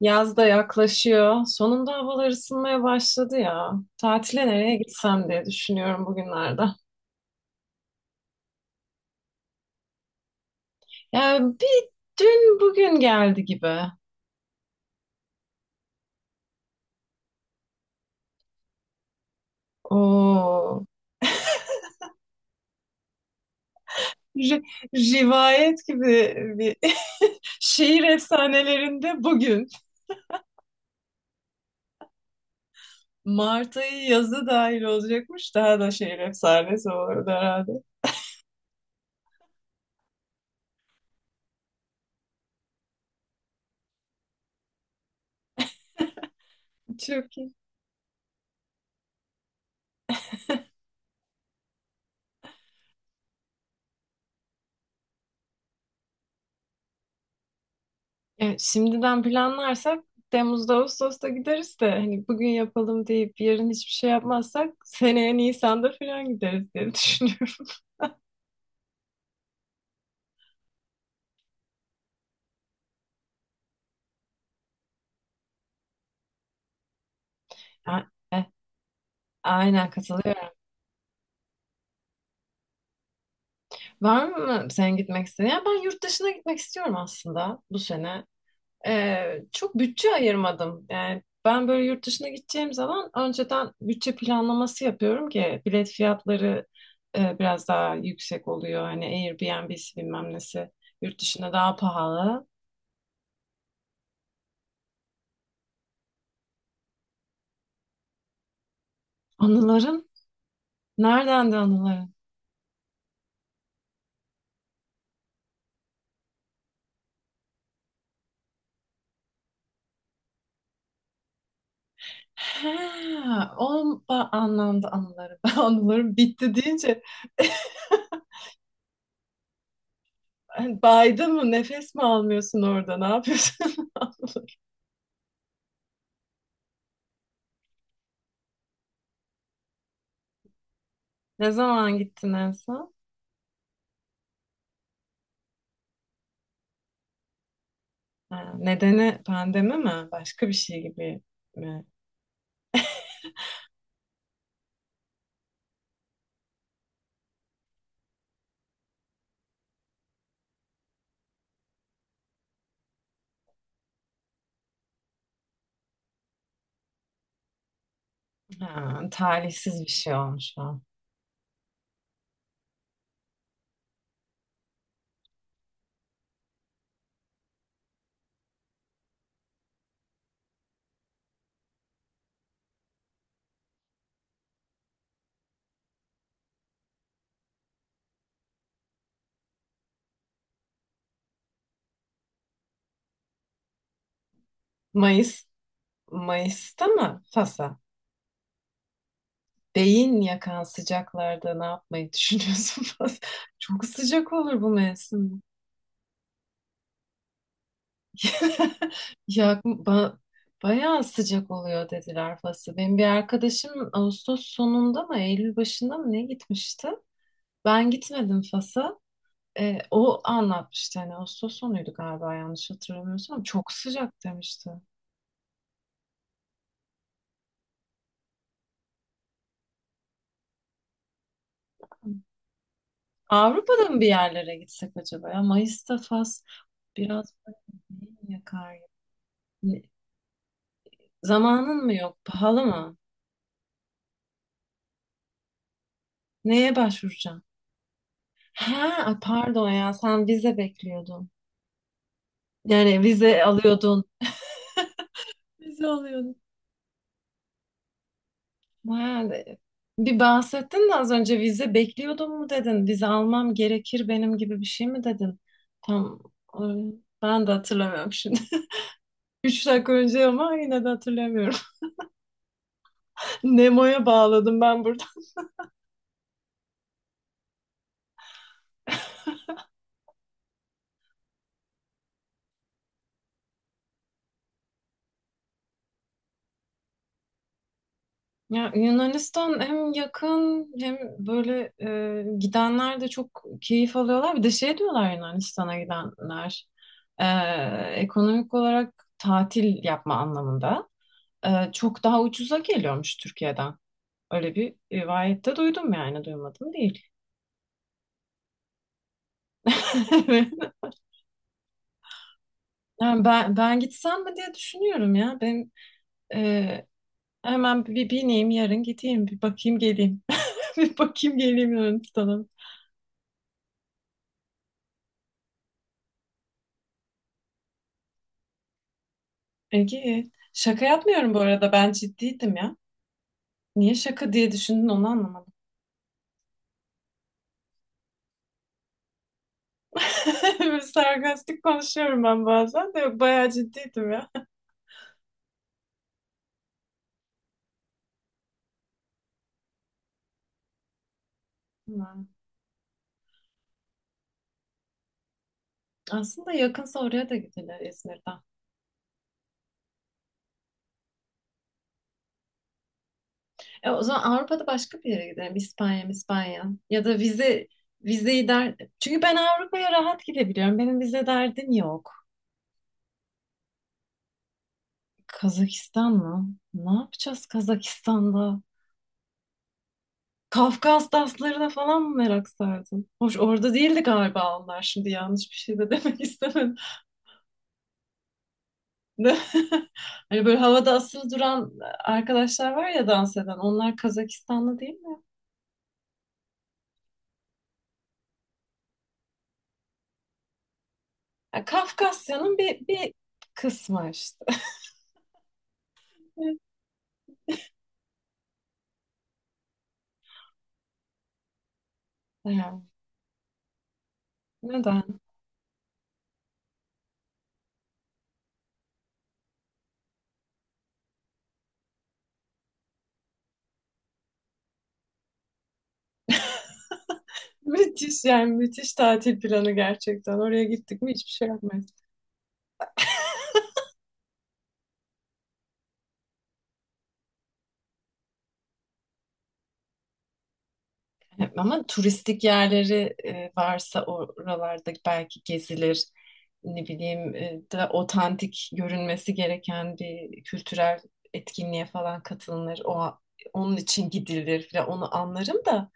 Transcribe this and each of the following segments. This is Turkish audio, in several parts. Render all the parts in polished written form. Yaz da yaklaşıyor. Sonunda havalar ısınmaya başladı ya. Tatile nereye gitsem diye düşünüyorum bugünlerde. Yani bir dün bugün geldi gibi. Oo. ri- rivayet gibi bir şehir efsanelerinde bugün. Mart ayı yazı dahil olacakmış. Daha da şehir efsanesi olurdu herhalde. Çok iyi. Şimdiden planlarsak Temmuz'da Ağustos'ta gideriz de hani bugün yapalım deyip yarın hiçbir şey yapmazsak seneye Nisan'da falan gideriz diye düşünüyorum. Ha, e, aynen katılıyorum. Var mı sen gitmek istediğin? Ya ben yurt dışına gitmek istiyorum aslında bu sene. Çok bütçe ayırmadım. Yani ben böyle yurt dışına gideceğim zaman önceden bütçe planlaması yapıyorum ki bilet fiyatları biraz daha yüksek oluyor. Hani Airbnb'si bilmem nesi yurt dışında daha pahalı. Anılarım? Nereden de anılarım? He, o anlamda anılarım. Ben anılarım bitti deyince hani baydın mı nefes mi almıyorsun orada ne yapıyorsun? Ne zaman gittin en son? Ha, nedeni pandemi mi? Başka bir şey gibi mi? Ha, talihsiz bir şey olmuş o. Mayıs, Mayıs'ta mı? Fas'a. Beyin yakan sıcaklarda ne yapmayı düşünüyorsun Fas? Çok sıcak olur bu mevsim. Ya bayağı sıcak oluyor dediler Fas'a. Benim bir arkadaşım Ağustos sonunda mı Eylül başında mı ne gitmişti? Ben gitmedim Fas'a. O anlatmıştı hani Ağustos sonuydu galiba yanlış hatırlamıyorsam. Çok sıcak demişti. Avrupa'da mı bir yerlere gitsek acaba ya? Mayıs'ta Fas biraz beyin yakar ya. Ne- Zamanın mı yok? Pahalı mı? Neye başvuracağım? Ha, ay pardon ya sen vize bekliyordun. Yani vize alıyordun. Vize alıyordum. Yani bir bahsettin de az önce vize bekliyordum mu dedin? Vize almam gerekir benim gibi bir şey mi dedin? Tam e, Ben de hatırlamıyorum şimdi. Üç dakika önce ama yine de hatırlamıyorum. Nemo'ya bağladım ben burada. Ya Yunanistan hem yakın hem böyle gidenler de çok keyif alıyorlar. Bir de şey diyorlar Yunanistan'a gidenler. e, Ekonomik olarak tatil yapma anlamında. Çok daha ucuza geliyormuş Türkiye'den. Öyle bir rivayette duydum yani duymadım değil. Yani ben gitsem mi diye düşünüyorum ya. Ben e, hemen bir bineyim yarın gideyim bir bakayım geleyim. Bir bakayım geleyim Yunanistan'a. Ege şaka yapmıyorum bu arada ben ciddiydim ya. Niye şaka diye düşündün onu anlamadım. Böyle sarkastik konuşuyorum ben bazen de yok, bayağı ciddiydim ya. Hmm. Aslında yakınsa oraya da gidilir İzmir'den. O zaman Avrupa'da başka bir yere gidelim. İspanya, İspanya. Ya da vize vizeyi der. Çünkü ben Avrupa'ya rahat gidebiliyorum. Benim vize derdim yok. Kazakistan mı? Ne yapacağız Kazakistan'da? Kafkas danslarına falan mı merak sardın? Hoş orada değildi galiba onlar. Şimdi yanlış bir şey de demek istemedim. De- Hani böyle havada asılı duran arkadaşlar var ya dans eden. Onlar Kazakistanlı değil mi? Ya Kafkasya'nın bir kısmı işte. Evet. Neden? Müthiş yani müthiş tatil planı gerçekten. Oraya gittik mi hiçbir şey yapmayız. Evet, ama turistik yerleri varsa oralarda belki gezilir. Ne bileyim da otantik görünmesi gereken bir kültürel etkinliğe falan katılınır. Onun için gidilir falan. Onu anlarım da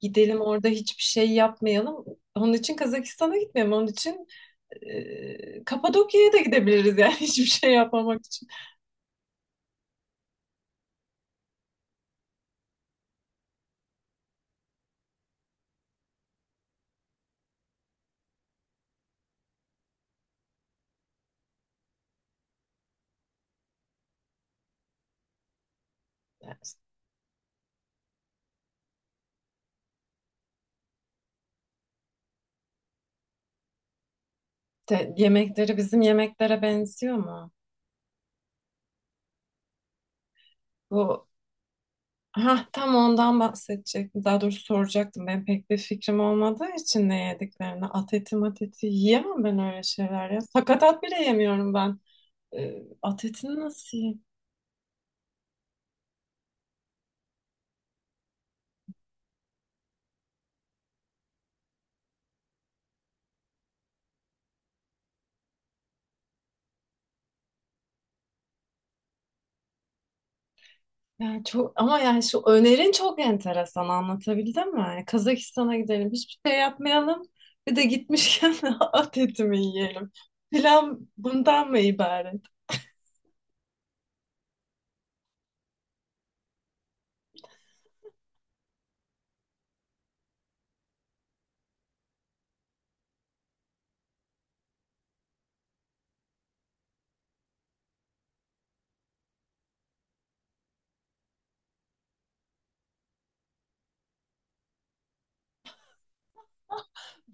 gidelim orada hiçbir şey yapmayalım. Onun için Kazakistan'a gitmeyelim. Onun için Kapadokya'ya da gidebiliriz yani hiçbir şey yapmamak için. Yemekleri bizim yemeklere benziyor mu? Bu ha, tam ondan bahsedecektim. Daha doğrusu soracaktım. Ben pek bir fikrim olmadığı için ne yediklerini. At eti mat eti yiyemem ben öyle şeyler ya. Sakatat bile yemiyorum ben. At etini nasıl yiyeyim? Yani çok, ama yani şu önerin çok enteresan anlatabildim mi? Yani Kazakistan'a gidelim hiçbir şey yapmayalım. Bir de gitmişken at etimi yiyelim. Plan bundan mı ibaret?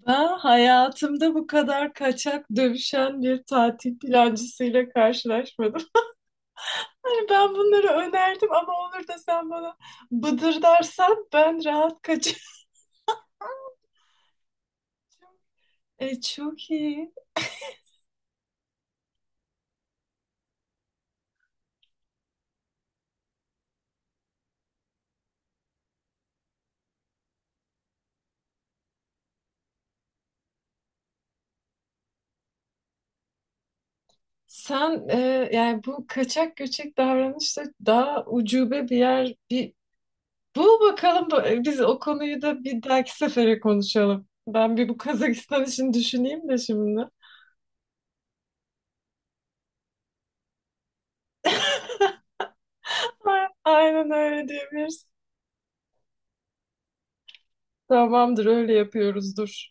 Ben hayatımda bu kadar kaçak dövüşen bir tatil plancısıyla karşılaşmadım. Hani ben bunları önerdim ama olur da sen bana bıdır dersen ben rahat kaçarım. Çok iyi. Sen yani bu kaçak göçek davranışta daha ucube bir yer bir bul bakalım biz o konuyu da bir dahaki sefere konuşalım. Ben bir bu Kazakistan için düşüneyim de şimdi. Aynen öyle diyebiliriz. Tamamdır öyle yapıyoruz dur.